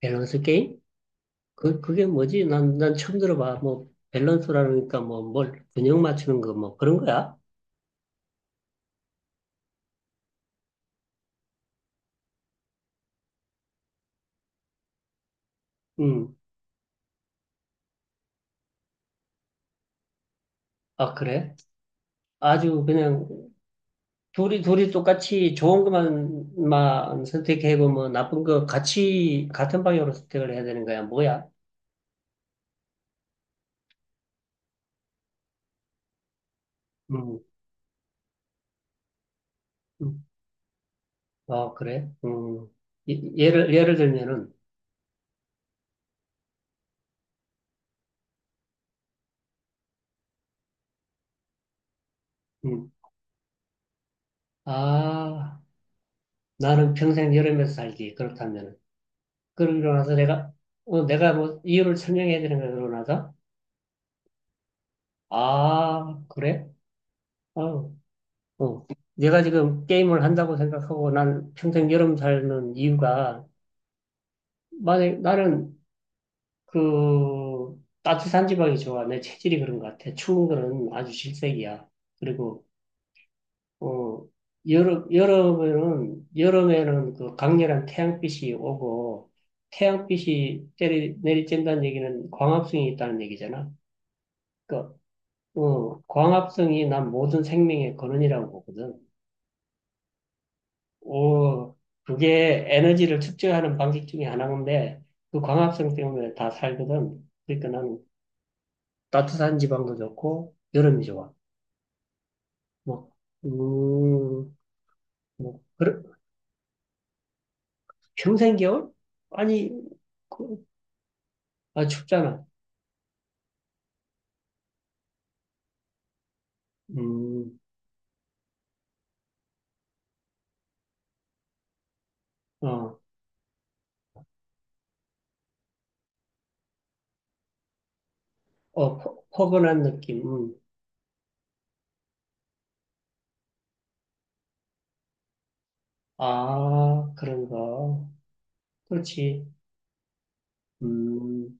밸런스 게임? 그게 뭐지? 난 처음 들어봐. 뭐, 밸런스라니까 뭐, 뭘, 균형 맞추는 거, 뭐, 그런 거야? 음. 아, 그래? 아주 그냥, 둘이 똑같이 좋은 것만, 만 선택하고, 뭐, 나쁜 거 같은 방향으로 선택을 해야 되는 거야? 뭐야? 음. 음. 아, 그래? 음. 예를 들면은, 음. 아, 나는 평생 여름에서 살기. 그렇다면은. 그러고 나서 내가, 내가 뭐, 이유를 설명해야 되는 거야, 그러고 나서? 아, 그래? 어, 어. 내가 지금 게임을 한다고 생각하고 난 평생 여름 살는 이유가, 만약 나는 그 따뜻한 지방이 좋아. 내 체질이 그런 것 같아. 추운 거는 아주 질색이야. 그리고, 어, 여름에는 그 강렬한 태양빛이 오고, 태양빛이 내리쬐는다는 얘기는 광합성이 있다는 얘기잖아. 그러니까, 광합성이 난 모든 생명의 근원이라고 보거든. 오, 그게 에너지를 축적하는 방식 중에 하나인데, 그 광합성 때문에 다 살거든. 그러니까 나는 따뜻한 지방도 좋고, 여름이 좋아. 뭐, 음, 뭐, 그래, 평생 겨울? 아니, 그, 아, 춥잖아. 음, 어, 어, 포근한 느낌. 음. 아, 그런가. 그렇지. 음,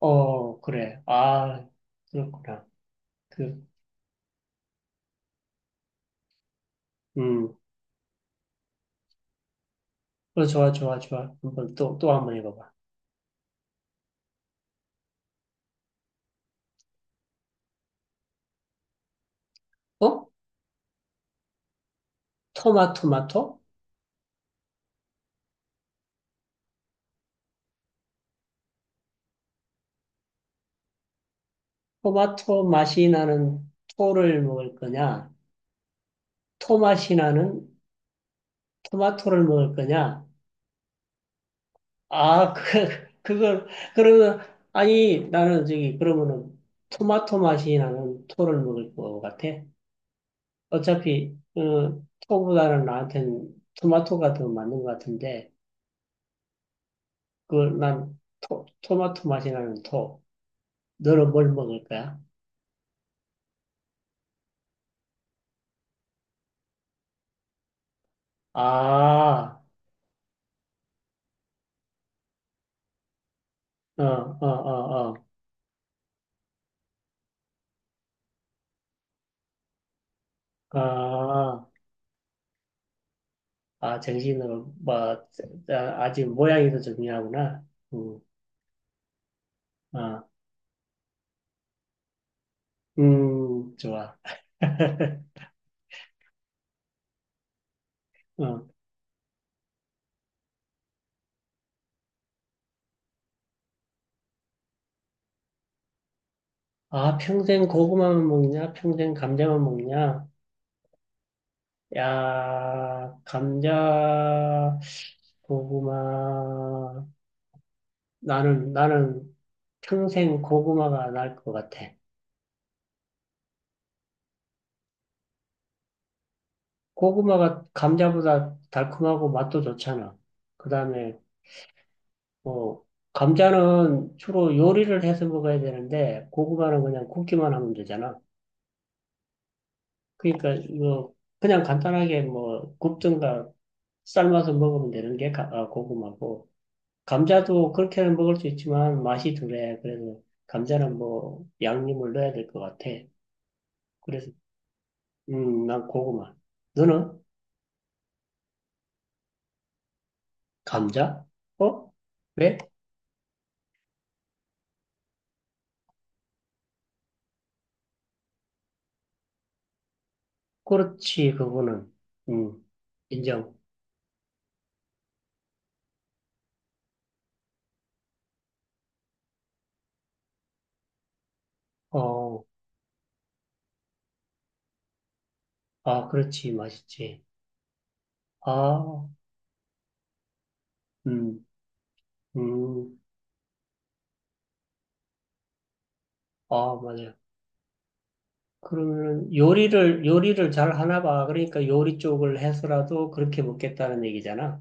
어, 그래. 아, 그렇구나. 그, 음, 어, 좋아, 좋아, 좋아. 한번 또 한 번 해봐봐. 어? 토마토마토? 토마토 맛이 나는 토를 먹을 거냐? 토맛이 나는 토마토를 먹을 거냐? 아, 그걸, 그러면, 아니, 나는 저기, 그러면은 토마토 맛이 나는 토를 먹을 것 같아. 어차피, 토보다는 나한텐 토마토가 더 맞는 것 같은데, 그걸 난 토마토 맛이 나는 토. 너는 뭘 먹을 거야? 아, 어, 어, 어, 어. 아. 아, 정신으로, 뭐, 아, 아직 모양이 더 중요하구나. 음, 아, 좋아. 어. 아, 평생 고구마만 먹냐? 평생 감자만 먹냐? 야, 감자, 고구마. 나는 평생 고구마가 나을 것 같아. 고구마가 감자보다 달콤하고 맛도 좋잖아. 그 다음에 어, 감자는 주로 요리를 해서 먹어야 되는데, 고구마는 그냥 굽기만 하면 되잖아. 그러니까 이거 그냥 간단하게 뭐 굽든가 삶아서 먹으면 되는 게 아, 고구마고, 감자도 그렇게는 먹을 수 있지만 맛이 덜해. 그래서 감자는 뭐 양념을 넣어야 될 것 같아. 그래서, 난 고구마. 너는? 감자? 어? 왜? 그렇지, 그거는. 음, 인정. 어, 아, 그렇지, 맛있지. 아. 음, 음, 아, 맞아요. 그러면은 요리를 잘 하나 봐. 그러니까 요리 쪽을 해서라도 그렇게 먹겠다는 얘기잖아.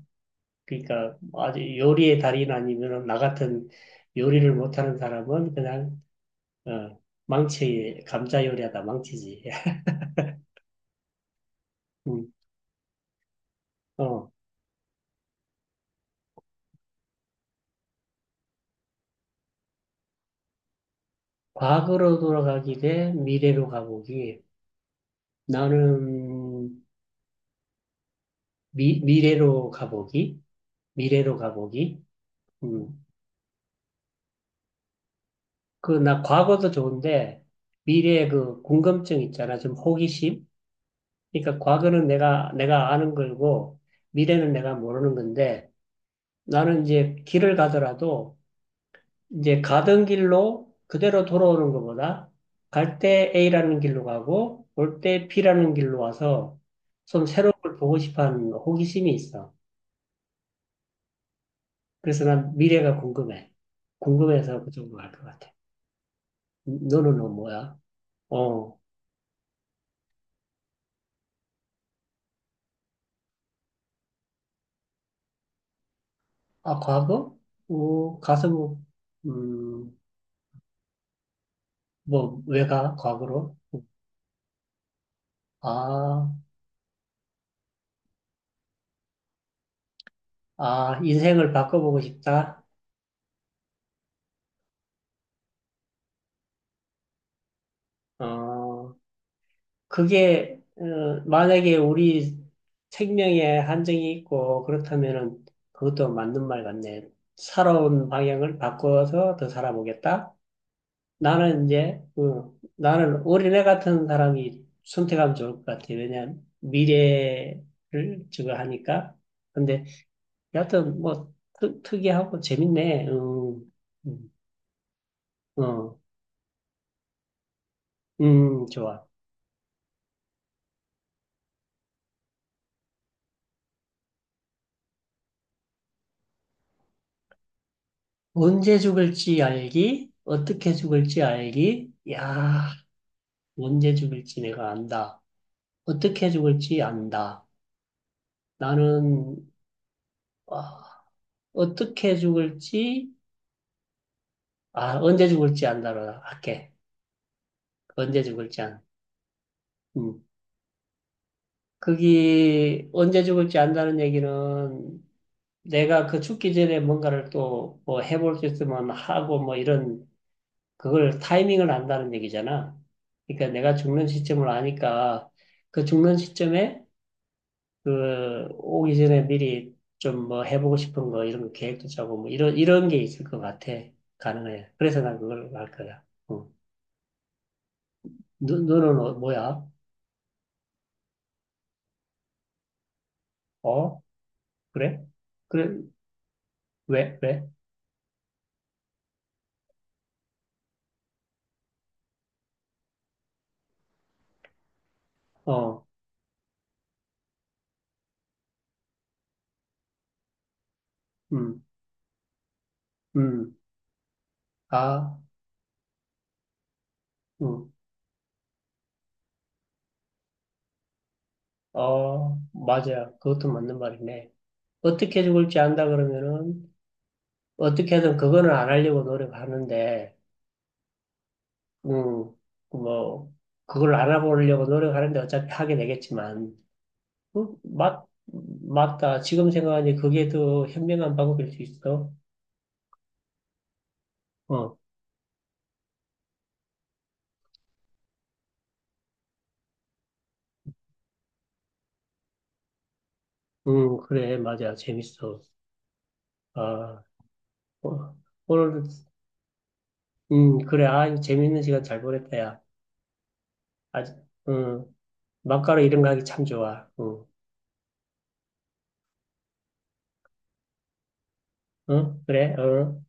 그러니까 아주 요리의 달인 아니면 나 같은 요리를 못하는 사람은 그냥, 어, 감자 요리하다 망치지. 음, 어, 과거로 돌아가기 대 미래로 가보기. 나는 미래로 가보기. 미래로 가보기. 음. 나 과거도 좋은데, 미래의 그 궁금증 있잖아. 좀 호기심? 그러니까 과거는 내가 아는 걸고, 미래는 내가 모르는 건데, 나는 이제 길을 가더라도, 이제 가던 길로 그대로 돌아오는 것보다, 갈 때 A라는 길로 가고, 올 때 B라는 길로 와서, 좀 새로운 걸 보고 싶어 하는 호기심이 있어. 그래서 난 미래가 궁금해. 궁금해서 그쪽으로 갈 것 같아. 너는 뭐 뭐야? 어, 아, 과거? 오, 가서 뭐, 음, 뭐, 왜 가? 과거로? 아, 아, 인생을 바꿔보고 싶다? 어, 그게, 만약에 우리 생명에 한정이 있고, 그렇다면은 그것도 맞는 말 같네. 살아온 방향을 바꿔서 더 살아보겠다? 나는 어린애 같은 사람이 선택하면 좋을 것 같아. 왜냐면 미래를 저거 하니까. 근데 여하튼 뭐 특이하고 재밌네. 음, 어, 좋아. 언제 죽을지 알기, 어떻게 죽을지 알기. 야, 언제 죽을지 내가 안다. 어떻게 죽을지 안다. 나는 아, 어떻게 죽을지 아 언제 죽을지 안다로 할게. 언제 죽을지 안. 음. 그게 언제 죽을지 안다는 얘기는 내가 그 죽기 전에 뭔가를 또 뭐 해볼 수 있으면 하고 뭐 이런 그걸 타이밍을 안다는 얘기잖아. 그러니까 내가 죽는 시점을 아니까 그 죽는 시점에 그 오기 전에 미리 좀 뭐 해보고 싶은 거 이런 거 계획도 짜고 뭐 이런 게 있을 것 같아. 가능해. 그래서 난 그걸 할 거야. 어. 너는 뭐야? 어? 그래? 그래? 왜? 왜? 어. 음. 음. 아. 음. 어. 맞아. 그것도 맞는 말이네. 어떻게 죽을지 안다 그러면은 어떻게든 그거는 안 하려고 노력하는데, 음, 뭐, 그걸 안 해보려고 노력하는데 어차피 하게 되겠지만, 맞다. 지금 생각하니 그게 더 현명한 방법일 수 있어. 어, 그래, 맞아. 재밌어. 아, 어, 오늘, 그래. 아, 이거 재밌는 시간 잘 보냈다, 야. 아주, 음, 막가로 이런 거 하기 참 좋아. 응, 응, 그래, 응.